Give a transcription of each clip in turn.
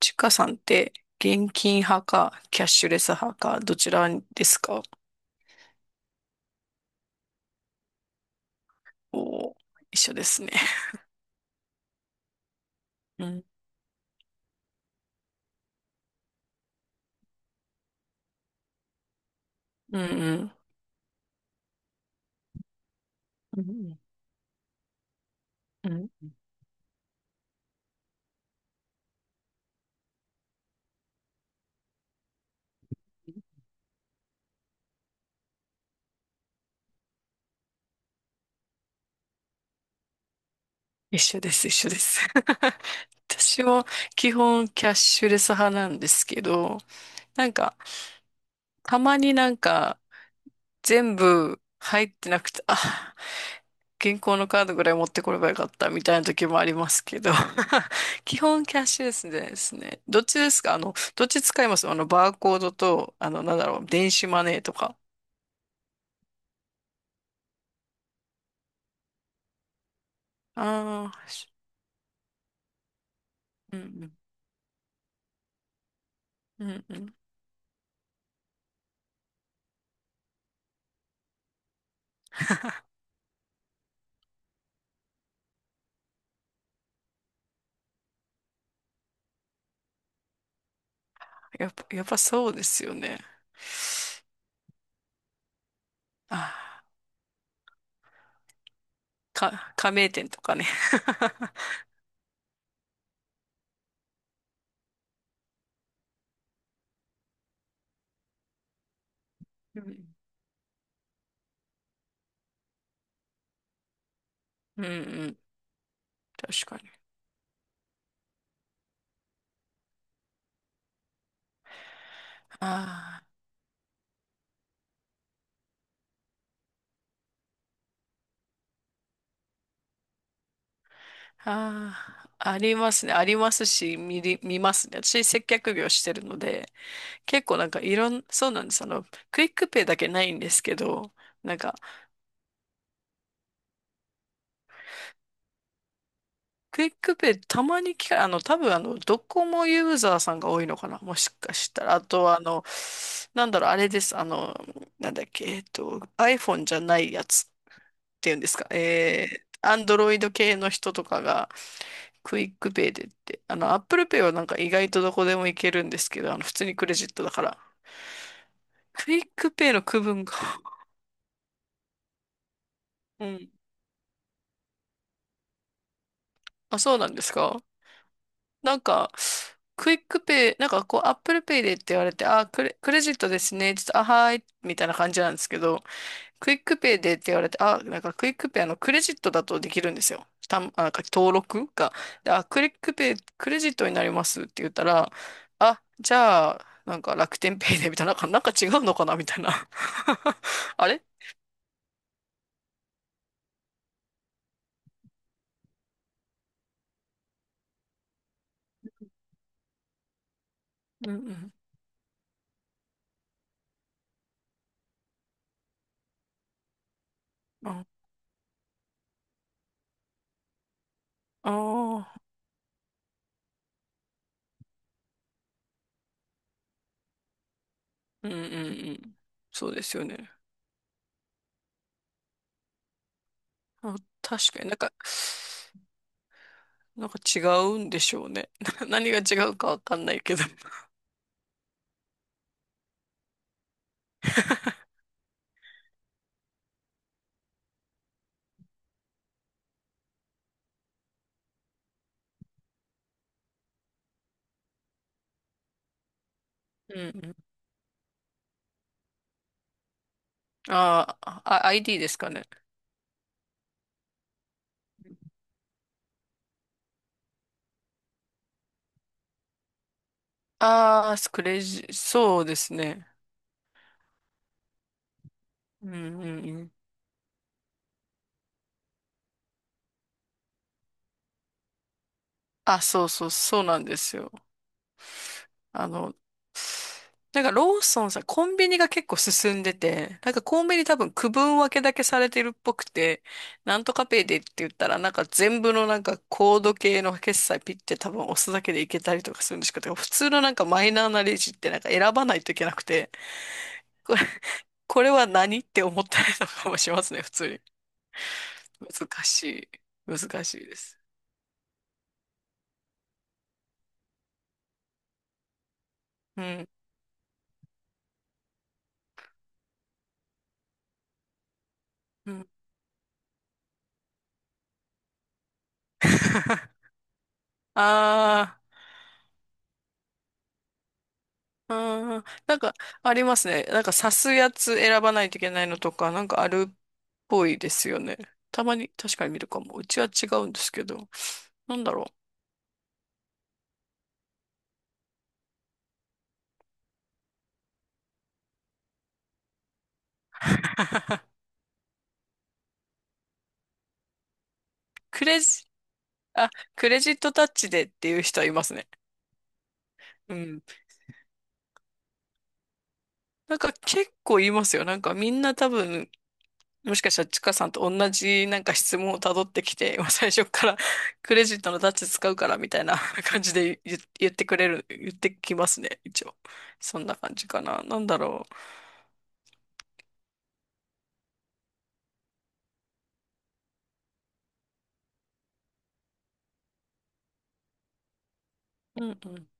ちかさんって現金派かキャッシュレス派かどちらですか？おー、一緒ですね。うん、うん、うん、うんうん。一緒です、一緒です。私も基本キャッシュレス派なんですけど、なんか、たまになんか、全部入ってなくて、あ、銀行のカードぐらい持ってこればよかったみたいな時もありますけど、基本キャッシュレスですね。どっちですかあの、どっち使いますあの、バーコードと、あの、なんだろう、電子マネーとか。ああ、し。うんうん、うんうん。やっぱそうですよね。あー、加盟店とかね。うん、うん、うんうん。確かに。ああ。ああ、ありますね。ありますし、見ますね。私、接客業してるので、結構なんかいろん、そうなんです。あの、クイックペイだけないんですけど、なんか、クイックペイたまにあの、多分あの、ドコモユーザーさんが多いのかな。もしかしたら。あとはあの、なんだろう、あれです。あの、なんだっけ、iPhone じゃないやつ。ていうんですか、アンドロイド系の人とかが、クイックペイでって、あの、アップルペイはなんか意外とどこでもいけるんですけど、あの、普通にクレジットだから。クイックペイの区分が、うん。あ、そうなんですか。なんか、クイックペイ、なんかこう、アップルペイでって言われて、あ、クレジットですね。ちょっと、あ、はーい。みたいな感じなんですけど、クイックペイでって言われて、あ、なんかクイックペイ、あの、クレジットだとできるんですよ。あ、なんか登録が。であ、クイックペイ、クレジットになりますって言ったら、あ、じゃあ、なんか楽天ペイでみたいな、なんかなんか違うのかなみたいな。あれ。うんうん。ああー、うんうんうん。そうですよね。あ、確かになんか、なんか違うんでしょうね。何が違うかわかんないけど。うんうん。あーあ、ID ですかね。ああ、クレジ、そうですね。うんうんうん。あ、そうそう、そうなんですよ。あの、なんかローソンさん、コンビニが結構進んでて、なんかコンビニ多分区分分けだけされてるっぽくて、なんとかペイでって言ったら、なんか全部のなんかコード系の決済ピッて多分押すだけでいけたりとかするんですけど、普通のなんかマイナーなレジってなんか選ばないといけなくて、これ、これは何って思ったりとかもしますね、普通に。難しい。難しいです。うん。うん。ああ。あー、なんか、ありますね。なんか、刺すやつ選ばないといけないのとか、なんかあるっぽいですよね。たまに、確かに見るかも。うちは違うんですけど。なんだろう。クレジ、あ、クレジットタッチでっていう人はいますね。うん。なんか結構言いますよ。なんかみんな多分、もしかしたらちかさんと同じなんか質問をたどってきて、もう最初から クレジットのタッチ使うからみたいな 感じで言ってくれる、言ってきますね、一応。そんな感じかな。なんだろう。うんうん。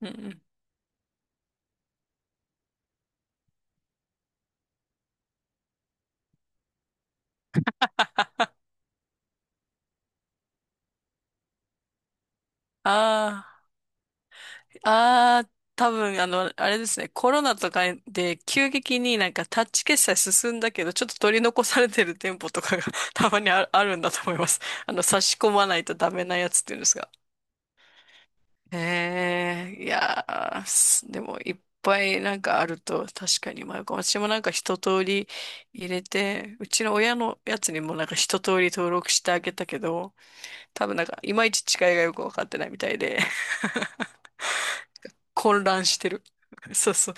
うんうん。ああ、ああ、多分、あの、あれですね、コロナとかで急激になんかタッチ決済進んだけど、ちょっと取り残されてる店舗とかが たまにあるんだと思います。あの、差し込まないとダメなやつっていうんですが。へえ、いやー、すでもいっぱいなんかあると確かに迷うかも。私もなんか一通り入れて、うちの親のやつにもなんか一通り登録してあげたけど、多分なんかいまいち違いがよくわかってないみたいで。混乱してる。そうそう。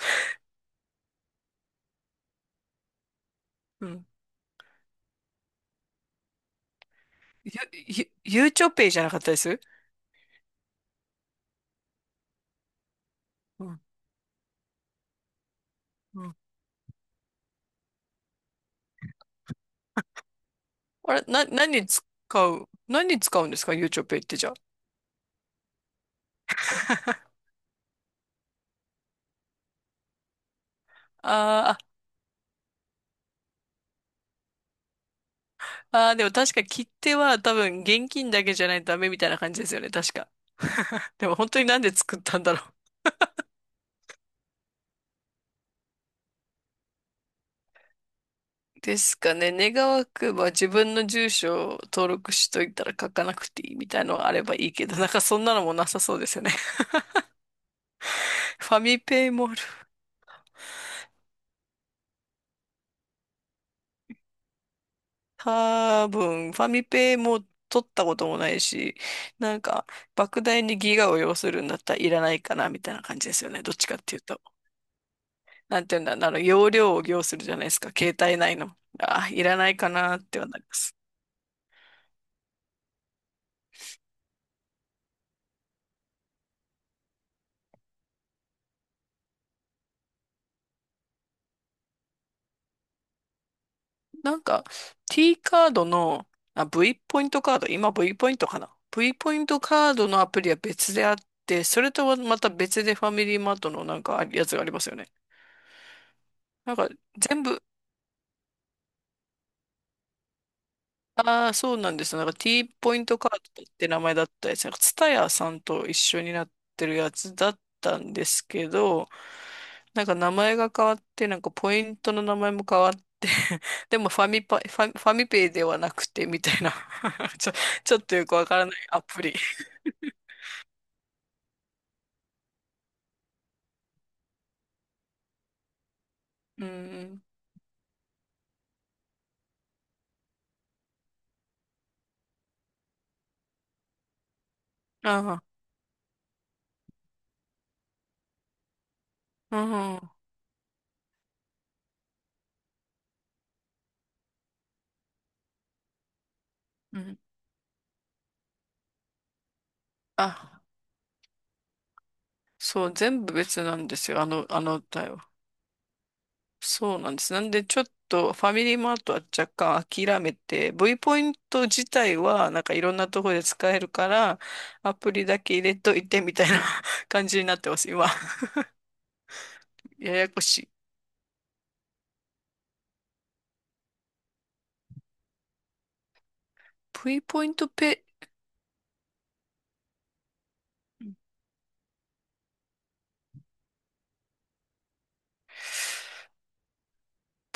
うん。ゆうちょペイじゃなかったです。うん。うん。あれ、な、何に使うんですかゆうちょペイってじゃあ。あーあー、でも確か切手は多分現金だけじゃないとダメみたいな感じですよね。確か。でも本当になんで作ったんだろう。ですかね。願わくば自分の住所を登録しといたら書かなくていいみたいのがあればいいけど、なんかそんなのもなさそうですよね。ファミペイもある。多分、ファミペも取ったこともないし、なんか、莫大にギガを要するんだったらいらないかな、みたいな感じですよね。どっちかっていうと。なんていうんだ、あの、容量を要するじゃないですか。携帯内の。あ、いらないかなってはなります。なんか、T カードの、あ、V ポイントカード、今 V ポイントかな。V ポイントカードのアプリは別であって、それとはまた別でファミリーマートのなんかやつがありますよね。なんか、全部ああ、そうなんですよ。なんか T ポイントカードって名前だったやつ。なんか TSUTAYA さんと一緒になってるやつだったんですけど、なんか名前が変わって、なんかポイントの名前も変わって、でもファミペイではなくて、みたいな ちょ、ちょっとよくわからないアプリ。うん。ああ、うん。うん。あ、そう、全部別なんですよ。あの、あの対応。そうなんです。なんで、ちょっとファミリーマートは若干諦めて、V ポイント自体はなんかいろんなところで使えるから、アプリだけ入れといてみたいな 感じになってます、今。ややこしい。V ポイントペ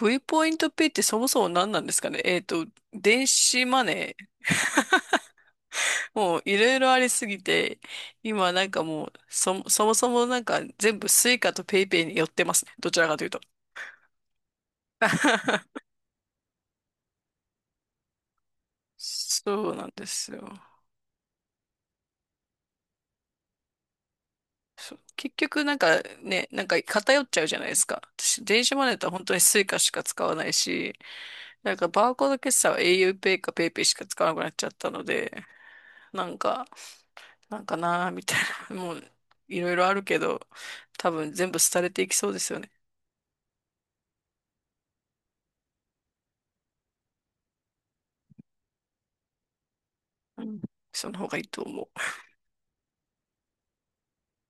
V ポイントペイってそもそも何なんですかねえっと、電子マネー。もういろいろありすぎて、今なんかもう、そもそもなんか全部スイカとペイペイに寄ってますね。どちらかというと。そうなんですよ。そう結局なんかね、なんか偏っちゃうじゃないですか。私、電子マネーだって本当にスイカしか使わないし、なんかバーコード決済は a u ペイか PayPay しか使わなくなっちゃったので、なんか、なんかなーみたいな、もういろいろあるけど、多分全部廃れていきそうですよね。うん。その方がいいと思う。